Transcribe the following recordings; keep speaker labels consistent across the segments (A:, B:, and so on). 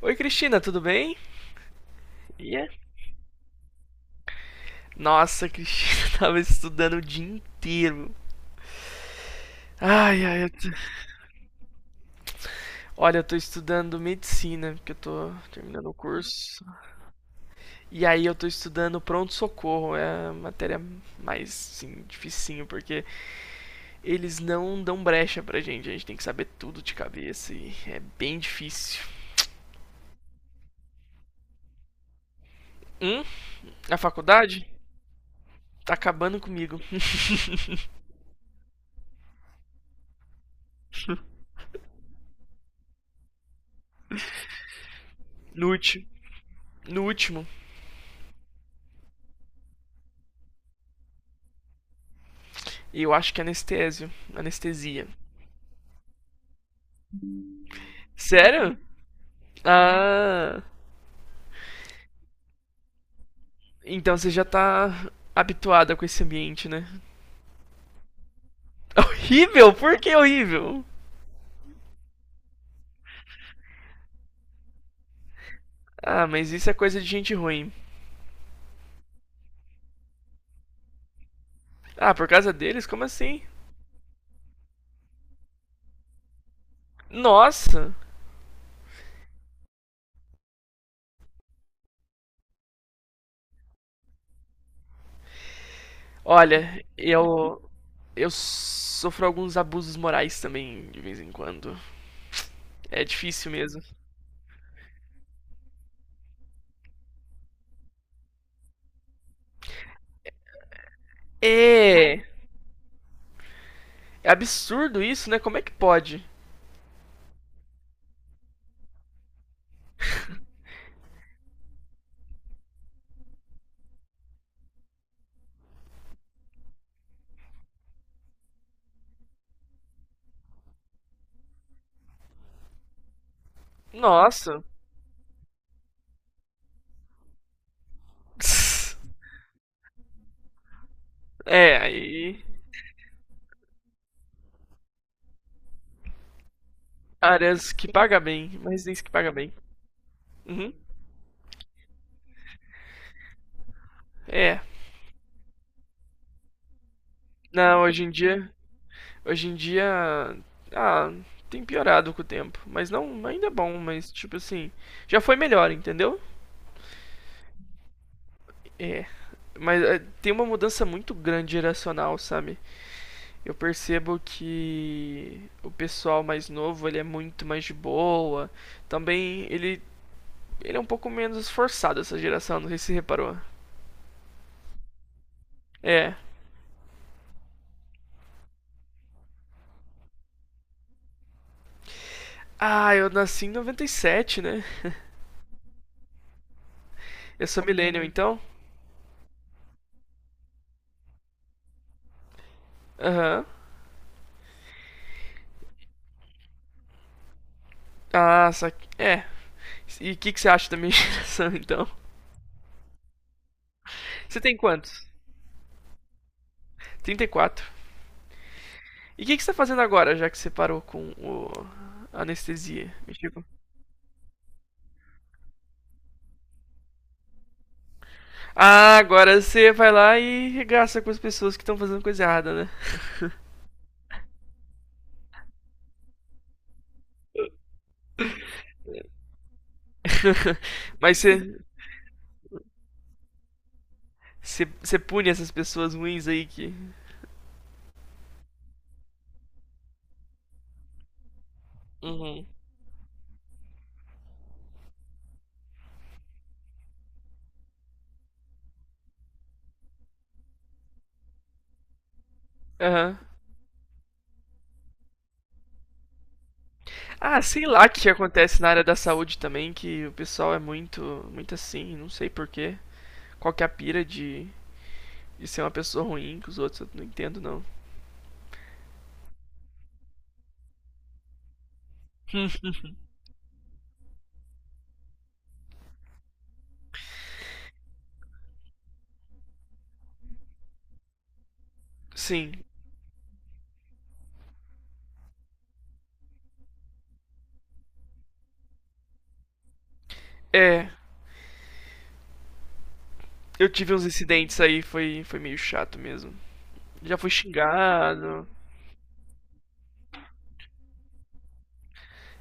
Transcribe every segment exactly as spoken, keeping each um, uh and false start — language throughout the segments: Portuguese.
A: Oi, Cristina, tudo bem? Ia? Nossa, Cristina, tava estudando o dia inteiro. Ai, ai, eu tô- olha, eu tô estudando medicina, porque eu tô terminando o curso. E aí eu tô estudando pronto-socorro, é a matéria mais, assim, dificinho, porque eles não dão brecha pra gente, a gente tem que saber tudo de cabeça e é bem difícil. Hum? A faculdade? Tá acabando comigo. No último. No último. E eu acho que é anestésio. Anestesia. Sério? Ah, então você já tá habituada com esse ambiente, né? Horrível? Por que horrível? Ah, mas isso é coisa de gente ruim. Ah, por causa deles? Como assim? Nossa! Olha, eu. Eu sofro alguns abusos morais também, de vez em quando. É difícil mesmo. É. É absurdo isso, né? Como é que pode? Nossa. É, aí. Áreas que paga bem, mas diz que paga bem. Uhum. É. Não, hoje em dia. Hoje em dia. Ah, tem piorado com o tempo. Mas não, ainda é bom, mas tipo assim. Já foi melhor, entendeu? É. Mas é, tem uma mudança muito grande geracional, sabe? Eu percebo que o pessoal mais novo, ele é muito mais de boa. Também ele. Ele é um pouco menos esforçado, essa geração, não sei se você reparou. É. Ah, eu nasci em noventa e sete, né? Eu sou millennial, então? Aham. Ah, só que... É. E o que, que você acha da minha geração, então? Você tem quantos? Trinta e quatro. E o que, que você tá fazendo agora, já que você parou com o... a anestesia? Me. Ah, agora você vai lá e regaça com as pessoas que estão fazendo coisa errada, né? Mas você, você, você pune essas pessoas ruins aí que. Uhum. Aham. Ah, sei lá o que acontece na área da saúde também, que o pessoal é muito, muito assim, não sei porquê. Qual que é a pira de, de ser uma pessoa ruim que os outros, eu não entendo não. Sim, é, eu tive uns incidentes aí, foi, foi meio chato mesmo. Já fui xingado.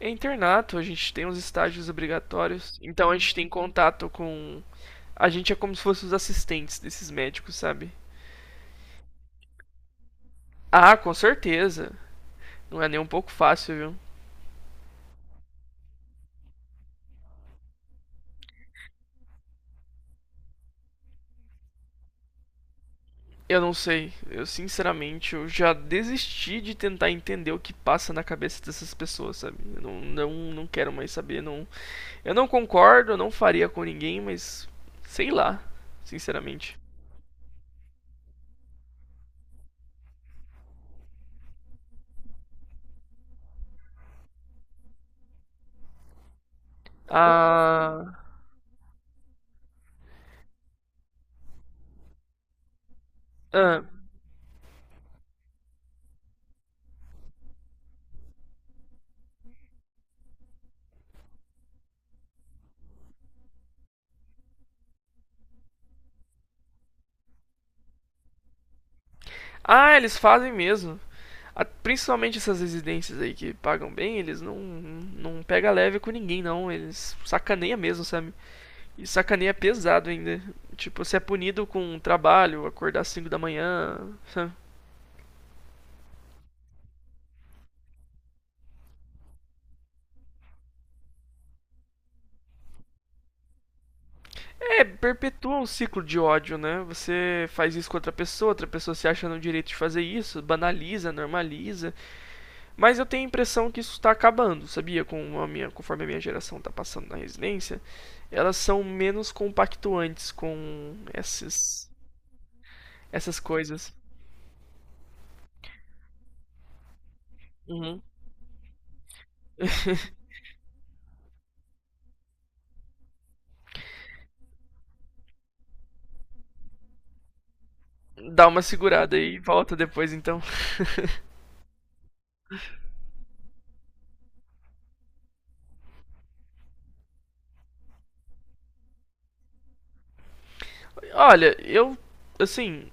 A: É internato, a gente tem os estágios obrigatórios. Então a gente tem contato com. A gente é como se fosse os assistentes desses médicos, sabe? Ah, com certeza. Não é nem um pouco fácil, viu? Eu não sei. Eu sinceramente eu já desisti de tentar entender o que passa na cabeça dessas pessoas, sabe? Eu não, não, não quero mais saber. Não, eu não concordo, eu não faria com ninguém, mas sei lá, sinceramente. Ah, ah, ah, eles fazem mesmo. Principalmente essas residências aí que pagam bem, eles não, não pega leve com ninguém, não. Eles sacaneia mesmo, sabe? E sacaneia pesado ainda. Tipo, você é punido com um trabalho, acordar às cinco da manhã, sabe? É, perpetua um ciclo de ódio, né? Você faz isso com outra pessoa, outra pessoa se acha no direito de fazer isso, banaliza, normaliza. Mas eu tenho a impressão que isso tá acabando, sabia? Com a minha, conforme a minha geração tá passando na residência, elas são menos compactuantes com esses essas coisas. Uhum. Dá uma segurada e volta depois, então. Olha, eu. Assim,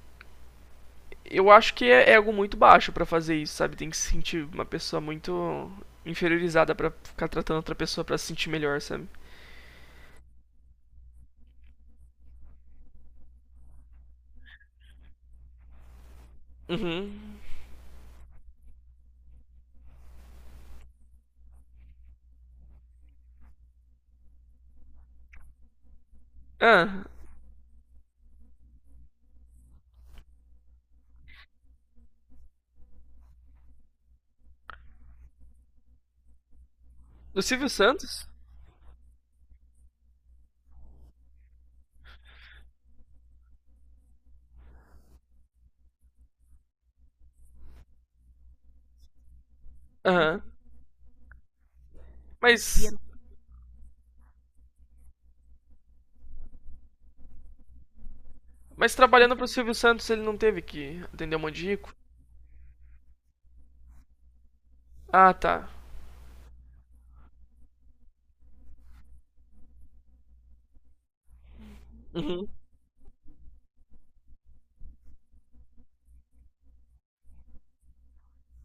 A: eu acho que é, é algo muito baixo pra fazer isso, sabe? Tem que se sentir uma pessoa muito inferiorizada pra ficar tratando outra pessoa pra se sentir melhor, sabe? Uhum. Ah, do Silvio Santos? Aham. Mas. Mas trabalhando pro Silvio Santos, ele não teve que atender um monte de rico? Ah, tá. Uhum.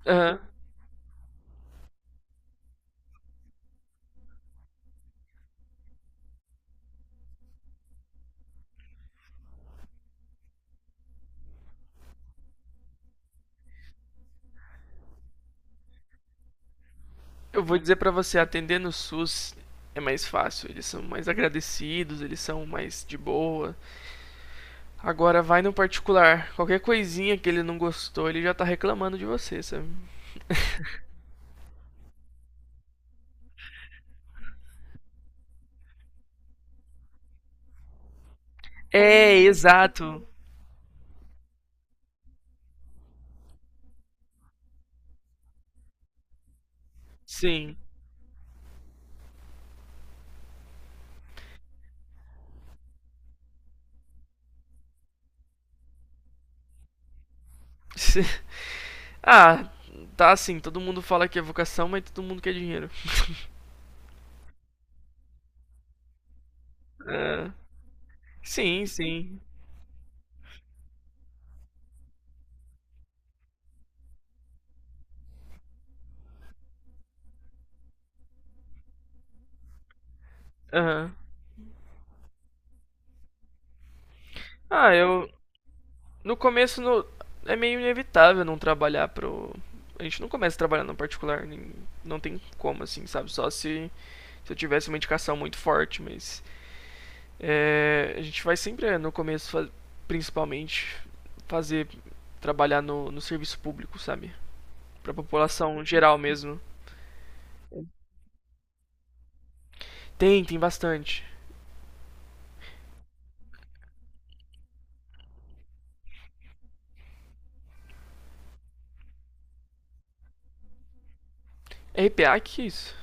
A: Aham. Eu vou dizer pra você, atender no SUS é mais fácil, eles são mais agradecidos, eles são mais de boa. Agora vai no particular, qualquer coisinha que ele não gostou, ele já tá reclamando de você, sabe? É, exato. Sim. Ah, tá assim, todo mundo fala que é vocação, mas todo mundo quer dinheiro. É. Sim, sim. Aham. Ah, eu no começo no é meio inevitável não trabalhar pro a gente não começa a trabalhar no particular, nem- não tem como assim, sabe? Só se se eu tivesse uma indicação muito forte, mas é, a gente vai sempre é, no começo, principalmente, fazer trabalhar no, no serviço público, sabe? Pra população geral mesmo. Tem, tem bastante. R P A, que que é isso?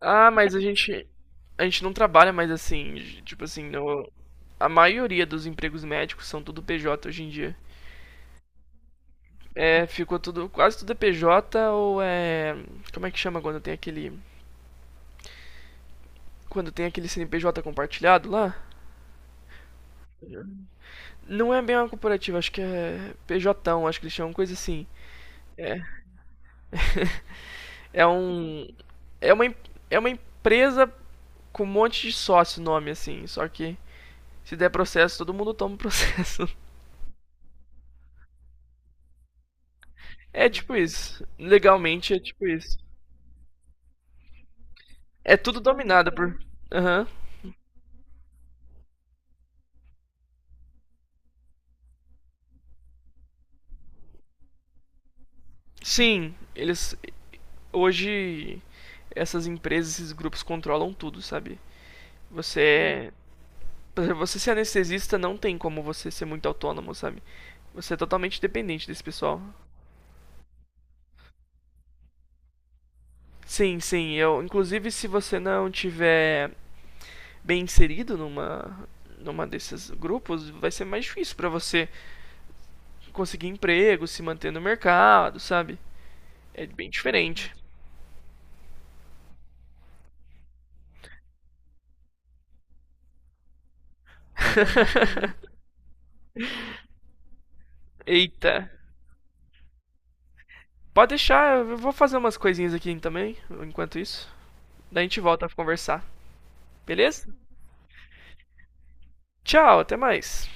A: Ah, mas a gente a gente não trabalha mais assim, tipo assim, no, a maioria dos empregos médicos são tudo P J hoje em dia. É, ficou tudo, quase tudo é P J ou é, como é que chama quando tem aquele, quando tem aquele C N P J compartilhado lá? Não é bem uma corporativa, acho que é P J, acho que eles chamam coisa assim. É, é um. É uma, em- é uma empresa com um monte de sócio nome, assim. Só que se der processo, todo mundo toma o processo. É tipo isso. Legalmente é tipo isso. É tudo dominado por. Aham. Sim, eles. Hoje essas empresas, esses grupos controlam tudo, sabe? Você é. Por exemplo, você ser anestesista não tem como você ser muito autônomo, sabe? Você é totalmente dependente desse pessoal. Sim, sim. Eu, inclusive, se você não tiver bem inserido numa numa desses grupos, vai ser mais difícil para você conseguir emprego, se manter no mercado, sabe? É bem diferente. Eita. Pode deixar, eu vou fazer umas coisinhas aqui também, enquanto isso. Daí a gente volta pra conversar. Beleza? Tchau, até mais.